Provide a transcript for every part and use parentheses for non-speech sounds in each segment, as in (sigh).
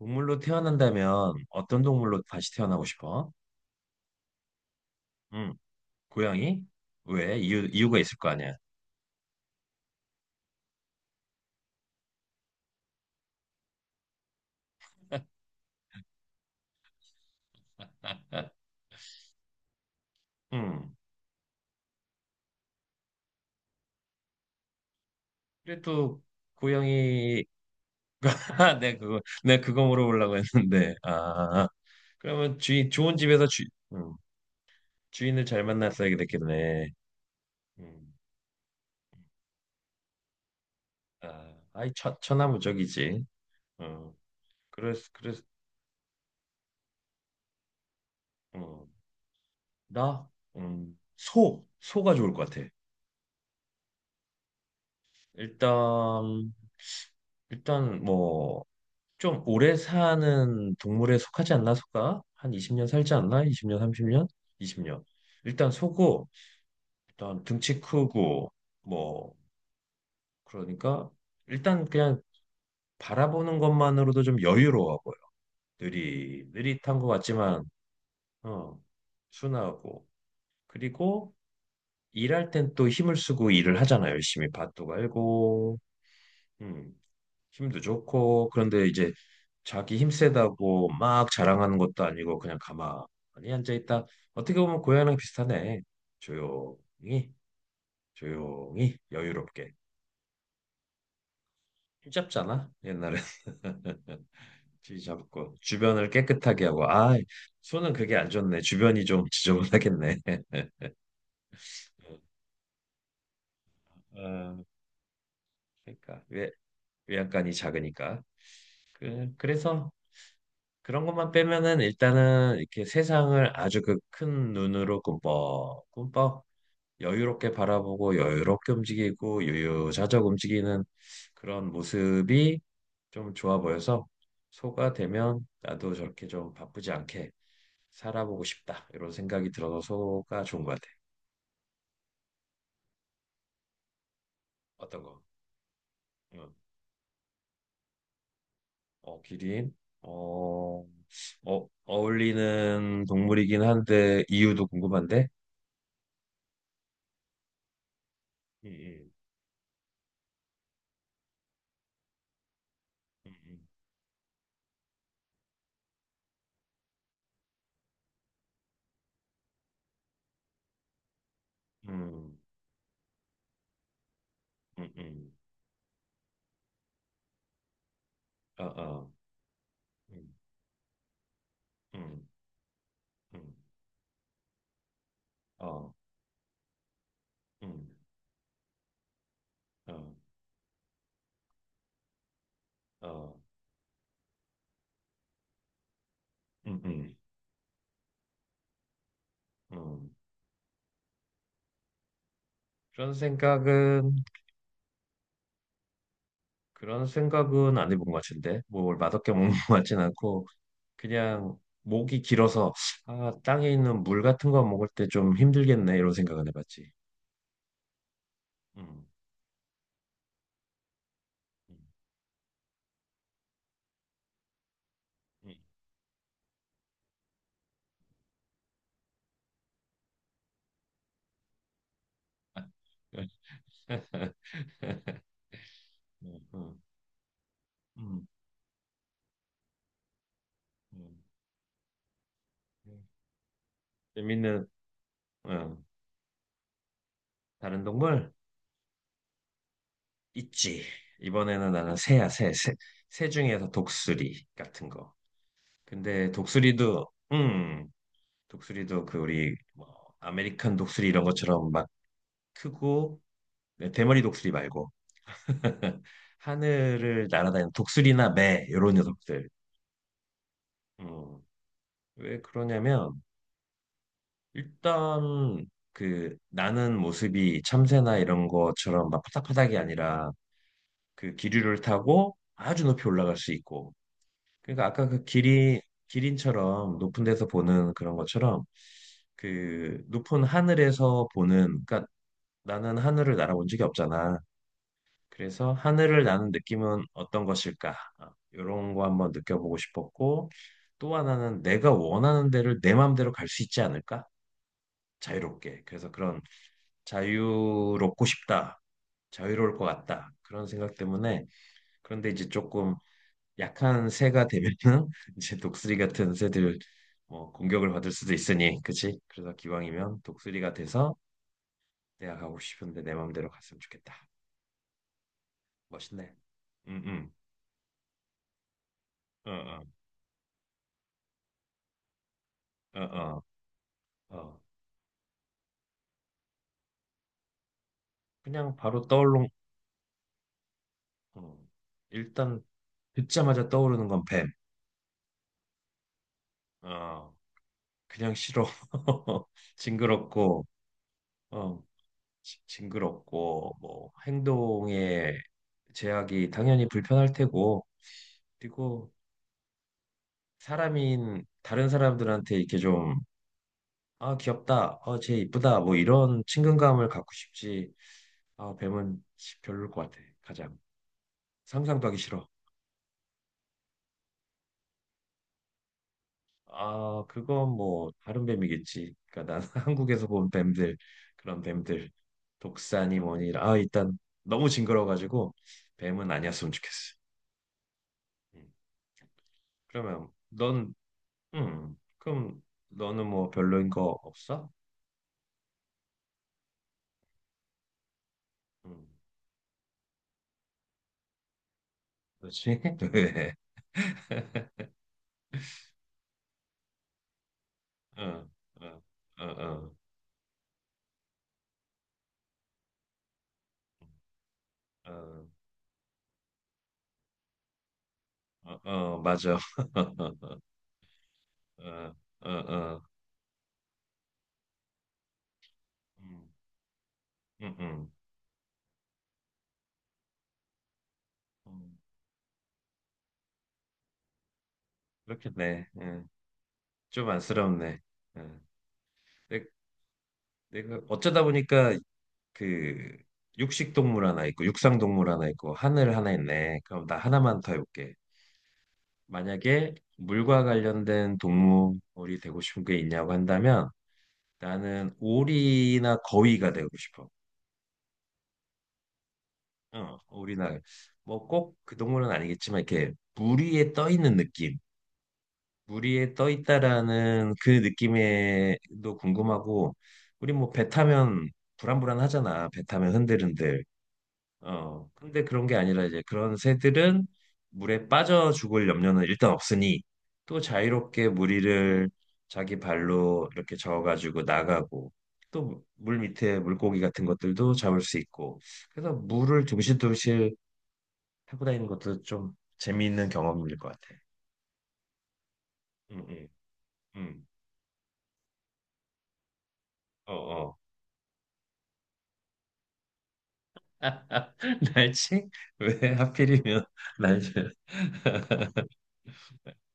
동물로 태어난다면 어떤 동물로 다시 태어나고 싶어? 응, 고양이? 왜? 이유가 있을 거 아니야. (laughs) 응. 그래도 고양이. (laughs) 내 그거 물어보려고 했는데 아, 그러면 주인 좋은 집에서 주, 음, 주인을 잘 만났어야 됐겠네. 음, 천하무적이지. 어, 그래서 어, 나, 소 소가 좋을 것 같아. 일단, 일단 뭐, 좀 오래 사는 동물에 속하지 않나 소가? 한 20년 살지 않나? 20년, 30년? 20년. 일단 소고, 일단 등치 크고 뭐, 그러니까 일단 그냥 바라보는 것만으로도 좀 여유로워 보여. 느리 느릿한 것 같지만 어, 순하고, 그리고 일할 땐 또 힘을 쓰고 일을 하잖아. 열심히 밭도 갈고, 음, 힘도 좋고. 그런데 이제 자기 힘 세다고 막 자랑하는 것도 아니고 그냥 가만히 앉아 있다. 어떻게 보면 고양이랑 비슷하네. 조용히, 조용히 여유롭게. 힘 잡잖아. 옛날에 (laughs) 쥐 잡고 주변을 깨끗하게 하고. 아, 손은 그게 안 좋네. 주변이 좀 지저분하겠네. (laughs) 어, 그러니까 왜 외양간이 작으니까 그래서 그런 것만 빼면은 일단은 이렇게 세상을 아주 그 큰 눈으로 꿈뻑 꿈뻑 여유롭게 바라보고 여유롭게 움직이고 유유자적 움직이는 그런 모습이 좀 좋아 보여서, 소가 되면 나도 저렇게 좀 바쁘지 않게 살아보고 싶다, 이런 생각이 들어서 소가 좋은 것 같아. 어떤 거? 응. 어, 기린. 어, 어, 어울리는 동물이긴 한데 이유도 궁금한데. 음, 음, 음, 음, 음, 어, 어, 음, 음, 음, 어, 음, 어, 어. 음, 음. 음, 그런 생각은 그런 생각은 안 해본 것 같은데, 뭐, 뭘 맛없게 먹는 (laughs) 것 같진 않고. 그냥 목이 길어서 아, 땅에 있는 물 같은 거 먹을 때 좀 힘들겠네, 이런 생각은 해봤지. 음, 음, 음. (laughs) 음, 음, 음, 음. 재밌는, 어, 다른 동물 있지. 이번에는 나는 새야. 새 중에서 독수리 같은 거. 근데 독수리도, 음, 독수리도 그 우리 뭐 아메리칸 독수리 이런 것처럼 막 크고, 네, 대머리 독수리 말고 (laughs) 하늘을 날아다니는 독수리나 매 이런 녀석들. 음, 왜 그러냐면 일단 그 나는 모습이 참새나 이런 것처럼 막 파닥파닥이 아니라 그 기류를 타고 아주 높이 올라갈 수 있고, 그러니까 아까 그 기린, 기린처럼 높은 데서 보는 그런 것처럼 그 높은 하늘에서 보는. 그러니까 나는 하늘을 날아본 적이 없잖아. 그래서 하늘을 나는 느낌은 어떤 것일까? 이런 거 한번 느껴보고 싶었고, 또 하나는 내가 원하는 데를 내 마음대로 갈 수 있지 않을까? 자유롭게. 그래서 그런 자유롭고 싶다. 자유로울 것 같다. 그런 생각 때문에. 그런데 이제 조금 약한 새가 되면은 (laughs) 이제 독수리 같은 새들 뭐 공격을 받을 수도 있으니, 그치? 그래서 기왕이면 독수리가 돼서 내가 가고 싶은데 내 마음대로 갔으면 좋겠다. 멋있네. 응응, 어, 어, 어, 어. 어. 그냥 바로 떠올른, 어. 일단 듣자마자 떠오르는 건 뱀. 어, 그냥 싫어. (laughs) 징그럽고, 어, 징그럽고, 뭐, 행동에 제약이 당연히 불편할 테고, 그리고 사람인 다른 사람들한테 이렇게 좀, 아, 귀엽다, 어, 쟤 이쁘다, 뭐 이런 친근감을 갖고 싶지. 아, 뱀은 별로일 것 같아. 가장. 상상도 하기 싫어. 아, 그건 뭐 다른 뱀이겠지. 그러니까 난 (laughs) 한국에서 본 뱀들, 그런 뱀들, 독사니 뭐니. 아, 일단 너무 징그러워가지고 뱀은 아니었으면 좋겠어. 음. 그러면 넌, 그럼 너는 뭐 별로인 거 없어? 음, 그렇지? (laughs) 왜? 어, 어, 어, 어, 어, 어, 어, 맞아. (laughs) 어, 어, 어, 음, 음, 음. 음, 그렇겠네. 좀 안쓰럽네. 음. 네, 내가 어쩌다 보니까 그 육식 동물 하나 있고 육상 동물 하나 있고 하늘 하나 있네. 그럼 나 하나만 더 해볼게. 만약에 물과 관련된 동물이 되고 싶은 게 있냐고 한다면 나는 오리나 거위가 되고 싶어. 어, 오리나 뭐 꼭 그 동물은 아니겠지만 이렇게 물 위에 떠 있는 느낌. 물 위에 떠 있다라는 그 느낌에도 궁금하고, 우리 뭐 배 타면 불안불안하잖아. 배 타면 흔들흔들. 어, 근데 그런 게 아니라 이제 그런 새들은 물에 빠져 죽을 염려는 일단 없으니 또 자유롭게 무리를 자기 발로 이렇게 저어가지고 나가고, 또 물 밑에 물고기 같은 것들도 잡을 수 있고. 그래서 물을 둥실둥실 타고 다니는 것도 좀 재미있는 경험일 것 같아. 응, 응, 응. 어, 어. (laughs) 날치? 왜 하필이면 (laughs) 날치?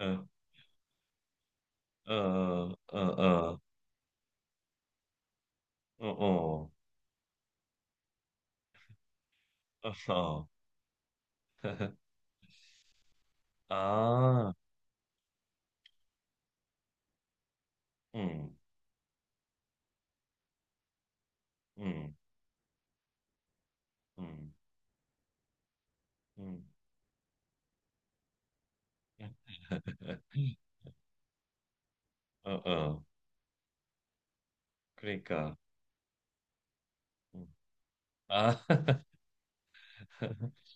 어, 어, 어, 어, 어, 어, 어. 어. 아, 음, 음, 음, 음. 어, 어, 그러니까. 음. 아, (laughs)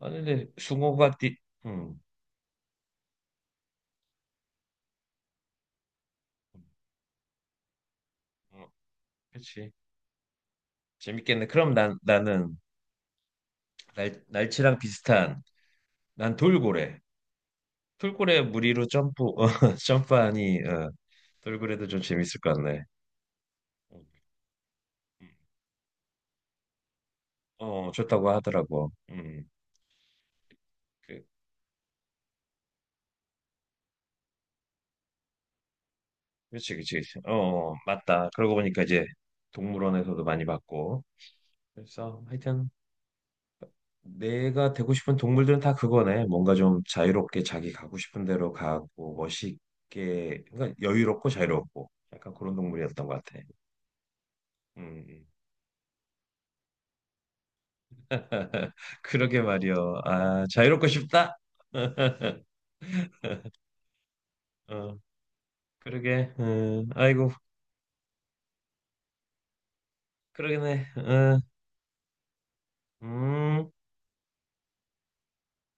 아, 근데 숭어가 띠, 음, 어, 그렇지. 재밌겠네. 그럼 난 나는 날 날치랑 비슷한 난 돌고래. 돌고래 무리로 점프, (laughs) 어, 점프하니 어, 돌고래도 좀 재밌을 것 같네. 음, 음. 어, 좋다고 하더라고. 그, 그렇지, 그렇지, 그렇지. 어, 어, 맞다. 그러고 보니까 이제 동물원에서도 많이 봤고. 그래서 하여튼. 내가 되고 싶은 동물들은 다 그거네. 뭔가 좀 자유롭게 자기 가고 싶은 대로 가고 멋있게, 그러니까 여유롭고 자유롭고 약간 그런 동물이었던 것 같아. 음, (laughs) 그러게 말이여. 아, 자유롭고 싶다. (laughs) 어, 그러게. 아이고, 그러겠네. 어, 음.